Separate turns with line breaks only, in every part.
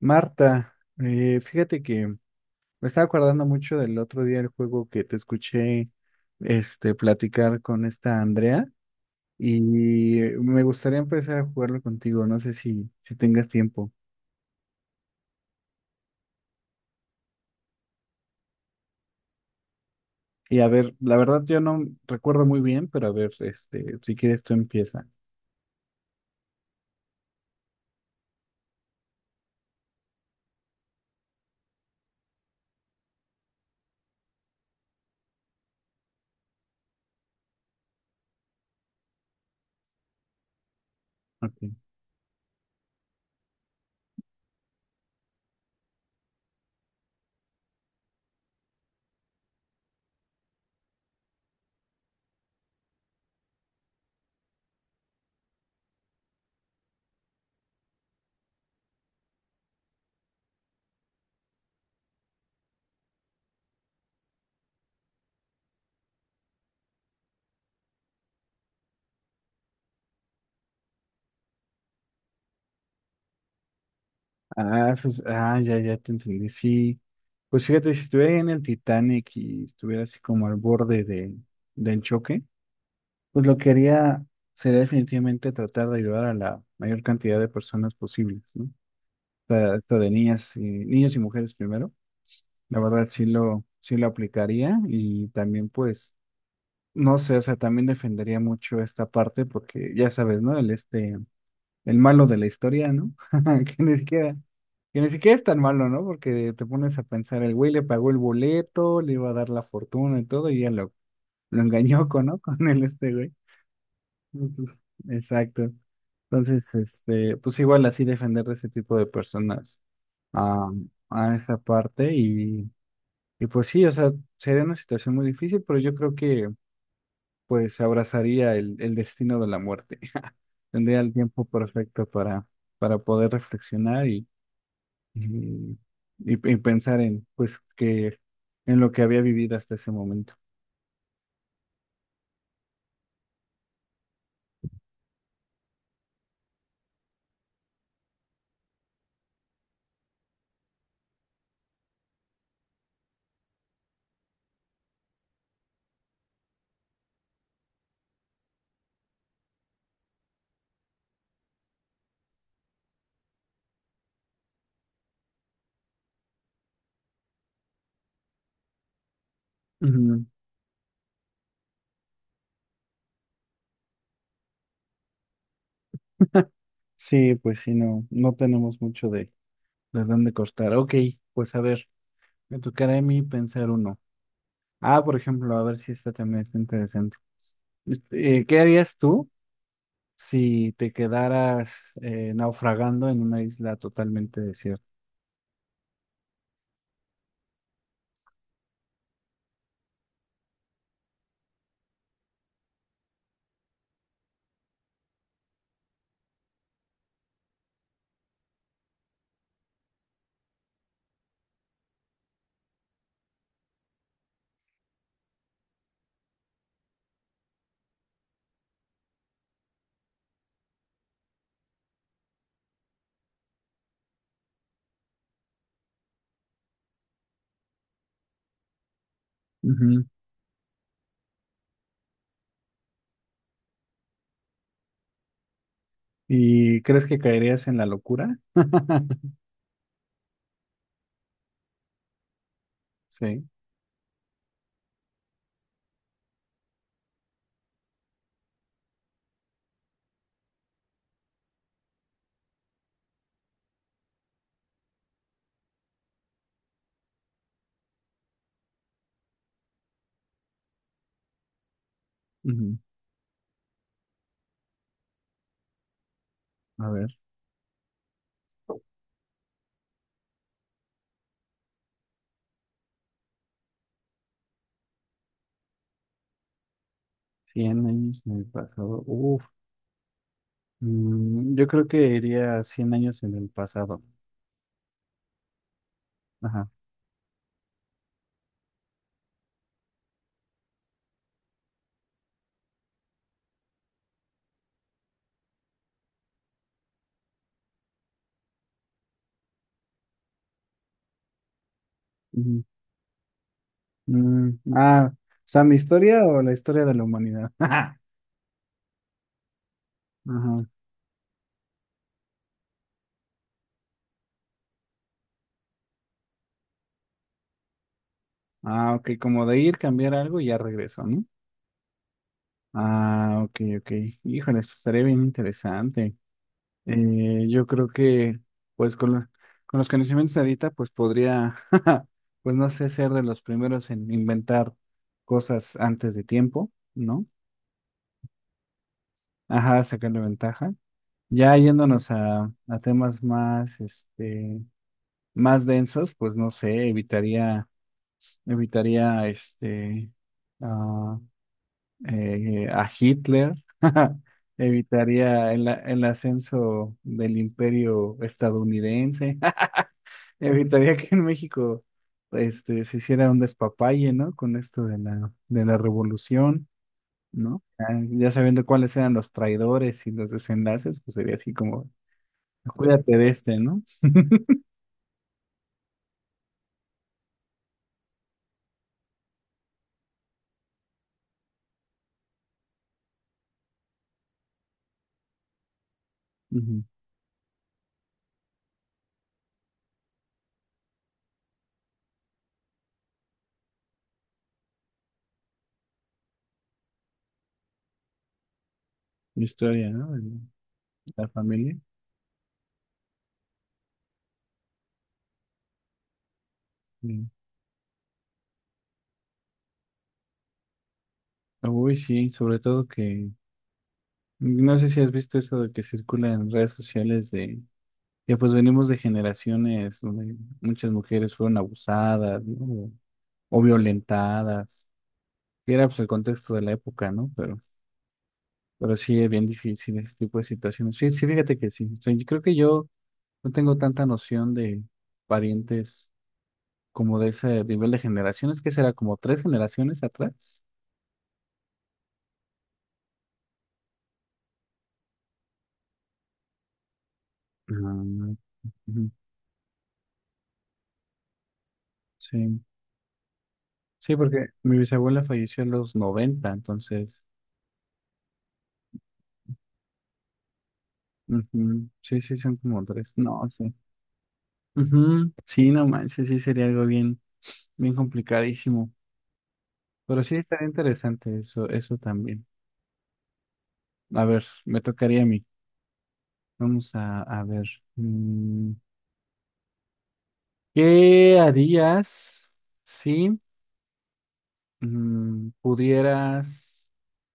Marta, fíjate que me estaba acordando mucho del otro día el juego que te escuché platicar con esta Andrea y me gustaría empezar a jugarlo contigo, no sé si tengas tiempo. Y a ver, la verdad yo no recuerdo muy bien, pero a ver, si quieres tú empieza. Ok. Ah, pues, ya, ya te entendí. Sí, pues fíjate, si estuviera ahí en el Titanic y estuviera así como al borde del choque. Pues lo que haría sería definitivamente tratar de ayudar a la mayor cantidad de personas posibles, ¿no? O sea, esto de niñas y niños y mujeres primero. La verdad sí lo aplicaría y también pues, no sé, o sea, también defendería mucho esta parte porque ya sabes, ¿no? El malo de la historia, ¿no? Que ni siquiera, que ni siquiera es tan malo, ¿no? Porque te pones a pensar, el güey le pagó el boleto, le iba a dar la fortuna y todo, y ya lo engañó con, ¿no? Con el este güey. Entonces, exacto. Entonces, pues igual así defender de ese tipo de personas a, a esa parte y pues sí, o sea, sería una situación muy difícil, pero yo creo que pues abrazaría el destino de la muerte. Tendría el tiempo perfecto para poder reflexionar y, y pensar en pues que en lo que había vivido hasta ese momento. Ujú. Sí, pues sí, no tenemos mucho de dónde cortar. Ok, pues a ver, me tocará a mí pensar uno. Ah, por ejemplo, a ver si esta también está interesante. ¿Qué harías tú si te quedaras naufragando en una isla totalmente desierta? Ujú. ¿Y crees que caerías en la locura? Sí. Ujú. A ver, 100 años en el pasado. Uf. Yo creo que iría 100 años en el pasado. Ajá. Ujú. Mm, ah, o sea, ¿mi historia o la historia de la humanidad? Ajá. Ah, ok, como de ir, cambiar algo y ya regreso, ¿no? Ah, ok, ok. Híjoles, pues estaría bien interesante. Yo creo que, pues, con los conocimientos de ahorita, pues podría, pues no sé, ser de los primeros en inventar cosas antes de tiempo, ¿no? Ajá, sacarle ventaja. Ya yéndonos a temas más densos, pues no sé, evitaría, ah, a Hitler, evitaría el ascenso del imperio estadounidense, evitaría que en México se hiciera un despapalle, ¿no? Con esto de la revolución, ¿no? Ya, ya sabiendo cuáles eran los traidores y los desenlaces, pues sería así como, cuídate de este, ¿no? Ujú. Historia, ¿no? De la familia. Sí. Uy, sí, sobre todo que, no sé si has visto eso de que circula en redes sociales de ya pues venimos de generaciones donde muchas mujeres fueron abusadas, ¿no? O, violentadas, que era pues el contexto de la época, ¿no? Pero sí es bien difícil ese tipo de situaciones. Sí, sí, fíjate que sí. O sea, yo creo que yo no tengo tanta noción de parientes como de ese nivel de generaciones, que será como tres generaciones atrás. Ah, ujú, sí, sí, porque mi bisabuela falleció en los 90 entonces, ujú, sí, sí, son como tres. No, sí. Ujú, sí, no manches, sí sería algo bien, bien complicadísimo. Pero sí estaría interesante eso, eso también. A ver, me tocaría a mí. Vamos a ver. mm, ¿Qué harías si pudieras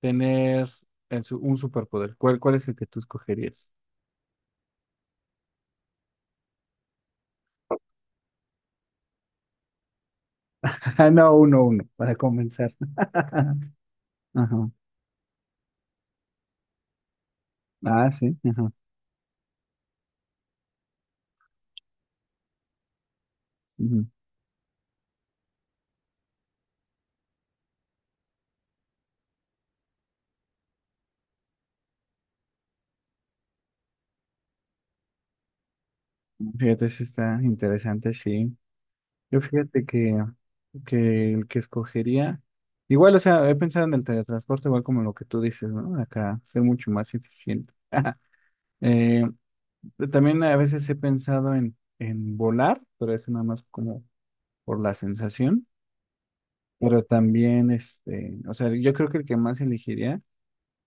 tener un superpoder? ¿Cuál es el que tú escogerías? Ah, no, uno, uno, para comenzar. Ajá. Ah, sí, ajá. Ujú. Fíjate, sí está interesante, sí. Yo fíjate que el que escogería, igual, o sea, he pensado en el teletransporte, igual como lo que tú dices, ¿no? Acá ser mucho más eficiente. Eh, También a veces he pensado en volar, pero eso nada más como por la sensación, pero también, o sea, yo creo que el que más elegiría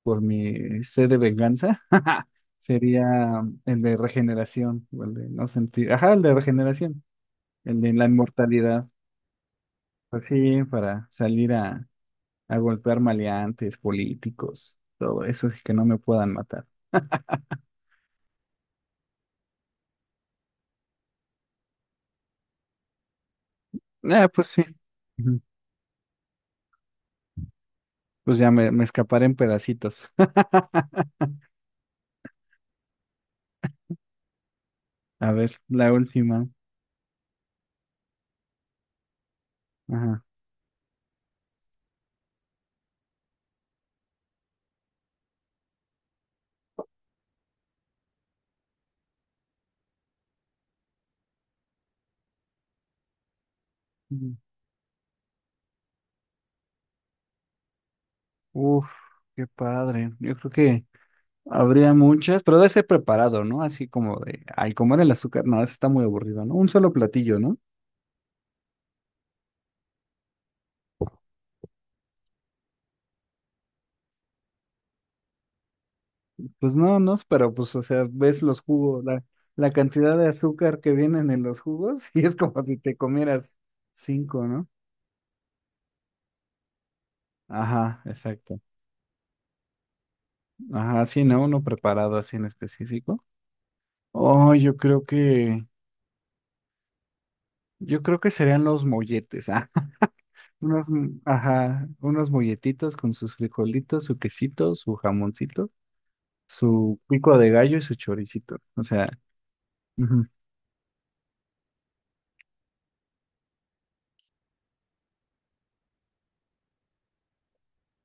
por mi sed de venganza sería el de regeneración, o el de no sentir, ajá, el de regeneración, el de la inmortalidad. Pues sí, para salir a golpear maleantes, políticos, todo eso, así que no me puedan matar. Ah, pues sí. Ujú. Pues ya me escaparé en pedacitos. A ver, la última. Ajá. Ujú. Uf, qué padre. Yo creo que habría muchas, pero debe ser preparado, ¿no? Así como de, ay, comer el azúcar, no, eso está muy aburrido, ¿no? Un solo platillo, ¿no? Pues no, no, pero pues, o sea, ves los jugos, la cantidad de azúcar que vienen en los jugos y es como si te comieras cinco, ¿no? Ajá, exacto. Ajá, sí, ¿no? Uno preparado así en específico. Oh, yo creo que serían los molletes, ah, ajá, unos molletitos con sus frijolitos, su quesito, su jamoncito, su pico de gallo y su choricito. O sea, ujú.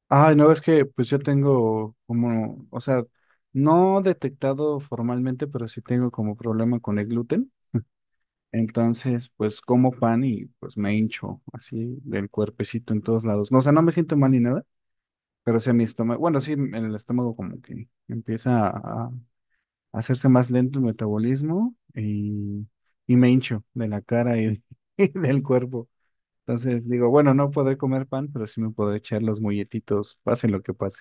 Ay, no, es que pues yo tengo como, o sea, no detectado formalmente, pero sí tengo como problema con el gluten. Entonces, pues como pan y pues me hincho así del cuerpecito en todos lados. No, o sea, no me siento mal ni nada. Pero sí, mi estómago, bueno, sí, en el estómago como que empieza a hacerse más lento el metabolismo y me hincho de la cara y, de- y del cuerpo. Entonces digo, bueno, no podré comer pan, pero sí me podré echar los molletitos, pase lo que pase.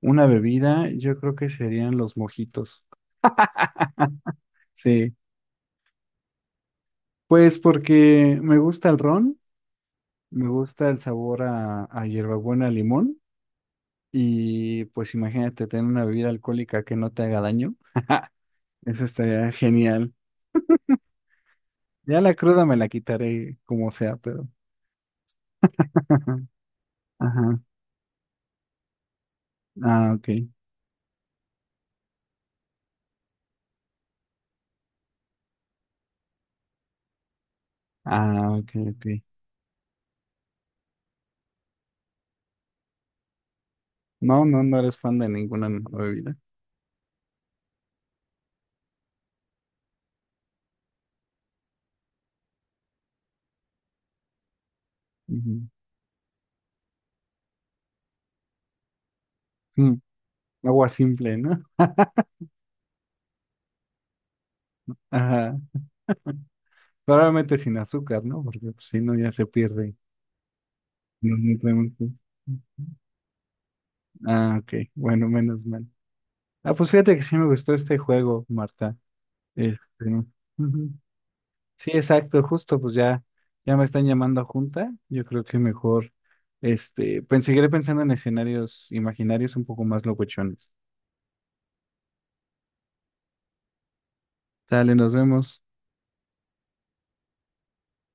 Una bebida, yo creo que serían los mojitos. Sí, pues porque me gusta el ron, me gusta el sabor a hierbabuena, limón y pues imagínate tener una bebida alcohólica que no te haga daño. Eso estaría genial. Ya la cruda me la quitaré como sea, pero. Ajá. Ah, ok. Ah, ok, ok. No, no, no eres fan de ninguna bebida. Ujú. Mm, Agua simple, ¿no? Ajá. Probablemente sin azúcar, ¿no? Porque pues, si no ya se pierde los nutrientes. Ah, ok. Bueno, menos mal. Ah, pues fíjate que sí me gustó este juego, Marta. Este, Ujú. Sí, exacto, justo, pues ya, me están llamando a junta. Yo creo que mejor, pues seguiré pensando en escenarios imaginarios un poco más locochones. Sale, nos vemos.